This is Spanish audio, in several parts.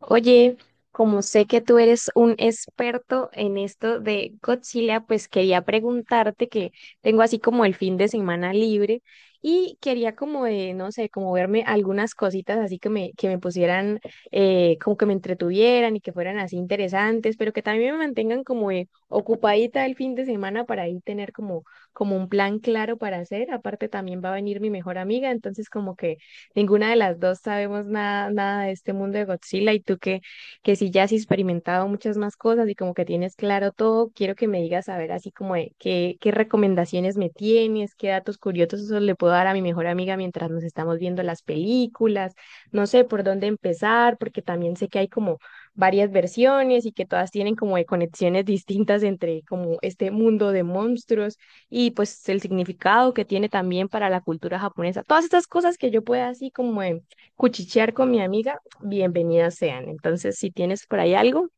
Oye, como sé que tú eres un experto en esto de Godzilla, pues quería preguntarte que tengo así como el fin de semana libre y quería como de, no sé, como verme algunas cositas así que me pusieran, como que me entretuvieran y que fueran así interesantes, pero que también me mantengan como ocupadita el fin de semana para ahí tener como, como un plan claro para hacer. Aparte también va a venir mi mejor amiga, entonces como que ninguna de las dos sabemos nada, nada de este mundo de Godzilla y tú que sí ya has experimentado muchas más cosas y como que tienes claro todo, quiero que me digas a ver así como de qué, qué recomendaciones me tienes, qué datos curiosos esos le puedo dar a mi mejor amiga mientras nos estamos viendo las películas, no sé por dónde empezar, porque también sé que hay como varias versiones y que todas tienen como de conexiones distintas entre como este mundo de monstruos y pues el significado que tiene también para la cultura japonesa. Todas estas cosas que yo pueda así como cuchichear con mi amiga, bienvenidas sean. Entonces, si tienes por ahí algo,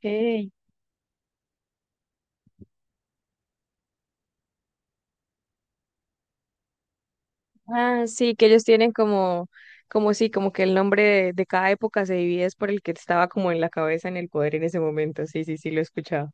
okay. Ah, sí, que ellos tienen como, como sí, como que el nombre de cada época se divide es por el que estaba como en la cabeza, en el poder en ese momento. Sí, sí, sí, lo he escuchado.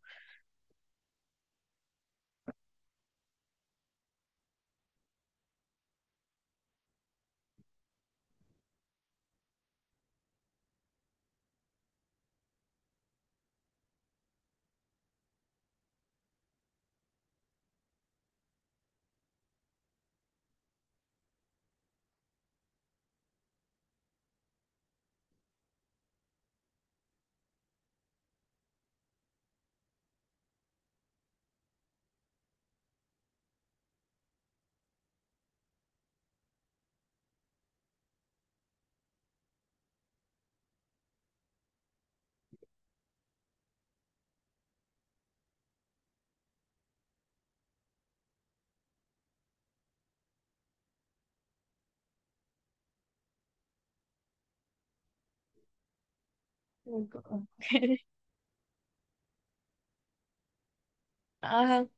Ujú. Ajá.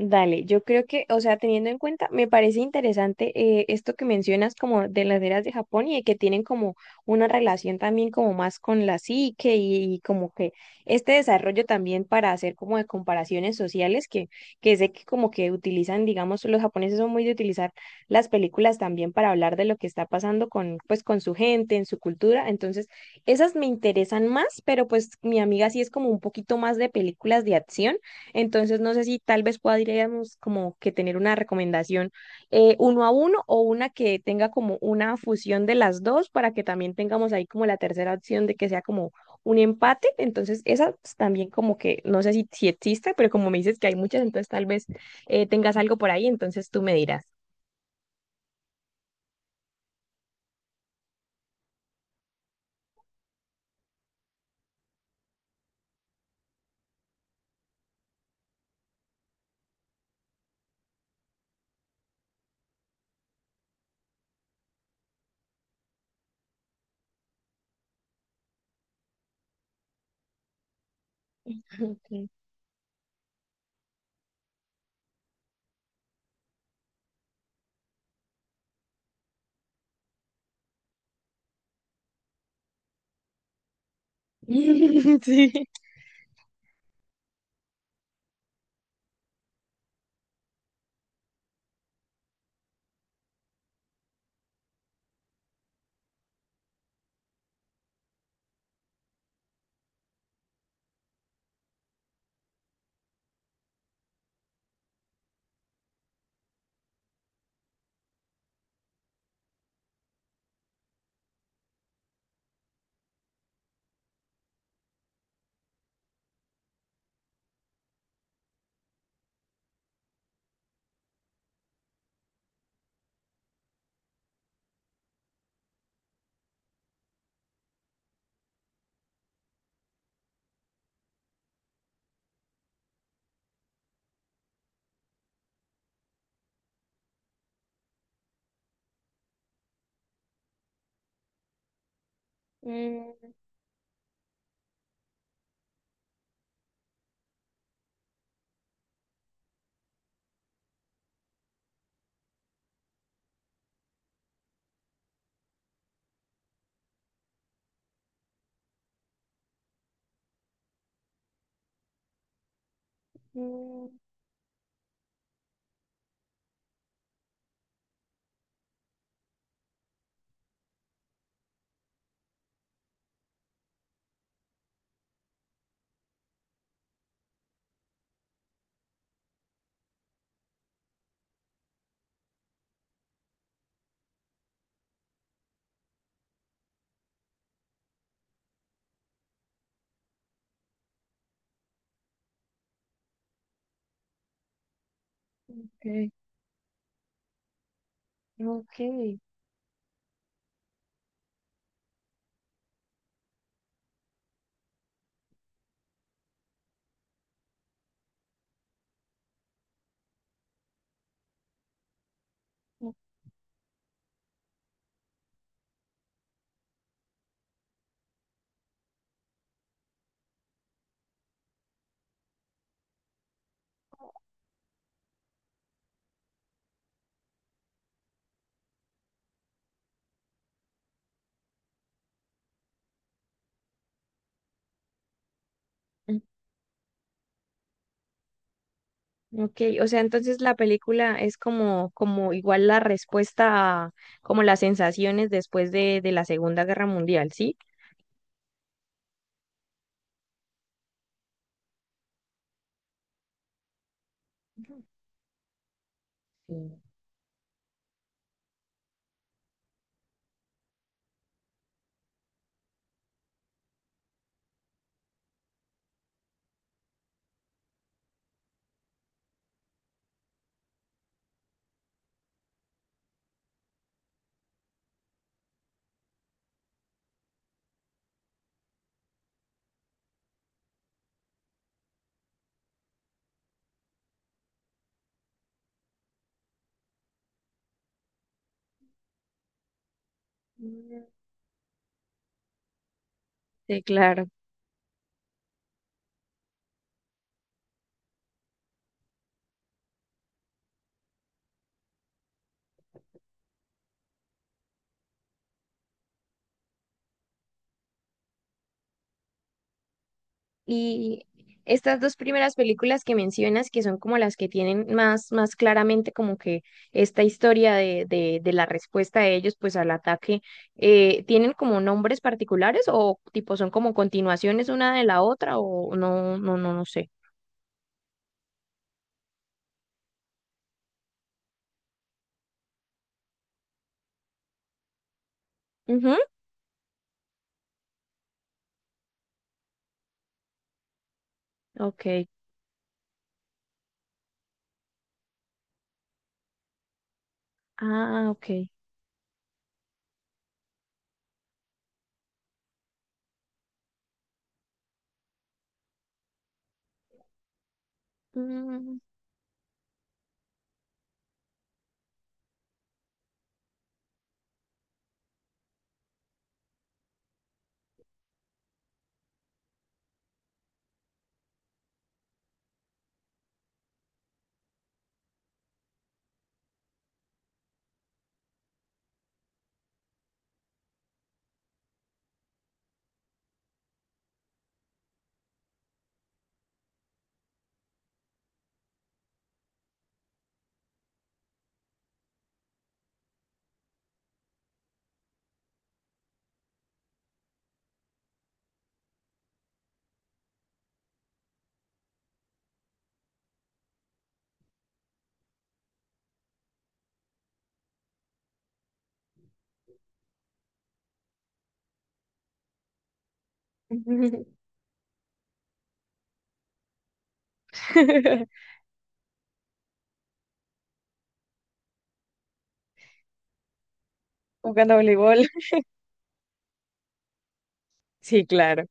Dale, yo creo que, o sea, teniendo en cuenta, me parece interesante esto que mencionas como de las eras de Japón y de que tienen como una relación también como más con la psique y como que este desarrollo también para hacer como de comparaciones sociales que sé que como que utilizan, digamos, los japoneses son muy de utilizar las películas también para hablar de lo que está pasando con, pues, con su gente, en su cultura. Entonces, esas me interesan más, pero pues mi amiga sí es como un poquito más de películas de acción. Entonces, no sé si tal vez podríamos como que tener una recomendación uno a uno o una que tenga como una fusión de las dos para que también tengamos ahí como la tercera opción de que sea como un empate. Entonces, esa pues, también como que no sé si, si existe, pero como me dices que hay muchas, entonces tal vez tengas algo por ahí, entonces tú me dirás. Ok. Sí. Mm, mm, ok, ok. Ok, o sea, entonces la película es como, como igual la respuesta a como las sensaciones después de la Segunda Guerra Mundial, ¿sí? Sí. Mm. Sí, claro. Y estas dos primeras películas que mencionas, que son como las que tienen más, más claramente como que esta historia de la respuesta de ellos pues al ataque, ¿tienen como nombres particulares o tipo son como continuaciones una de la otra o no, no, no, no sé? Ujú. Ok. Ah, ok. Mm. Jugando a voleibol. Sí, claro.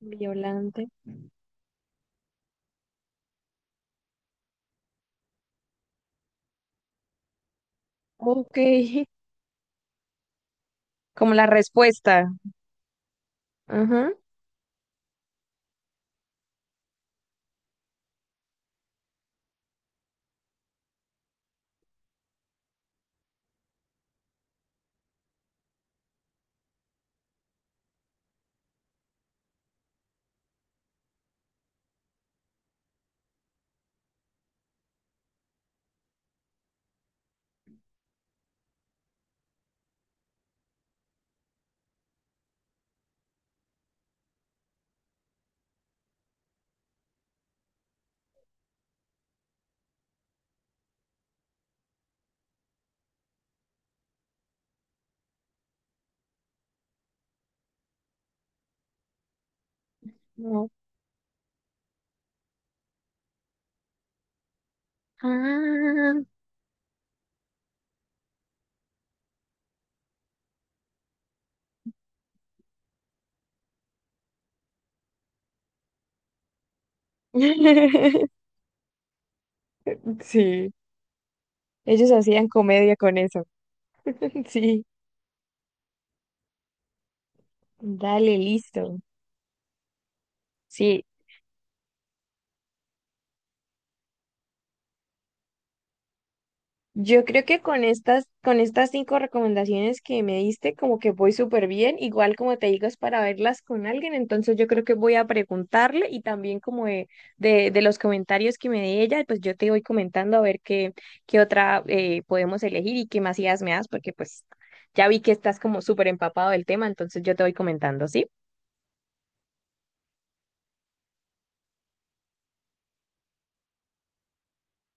Violante. Ok. Como la respuesta. Ajá. No. Ah. Sí. Ellos hacían comedia con eso. Sí. Dale, listo. Sí, yo creo que con estas cinco recomendaciones que me diste, como que voy súper bien. Igual como te digo, es para verlas con alguien. Entonces yo creo que voy a preguntarle y también como de los comentarios que me dé ella, pues yo te voy comentando a ver qué, qué otra podemos elegir y qué más ideas me das, porque pues ya vi que estás como súper empapado del tema, entonces yo te voy comentando, ¿sí?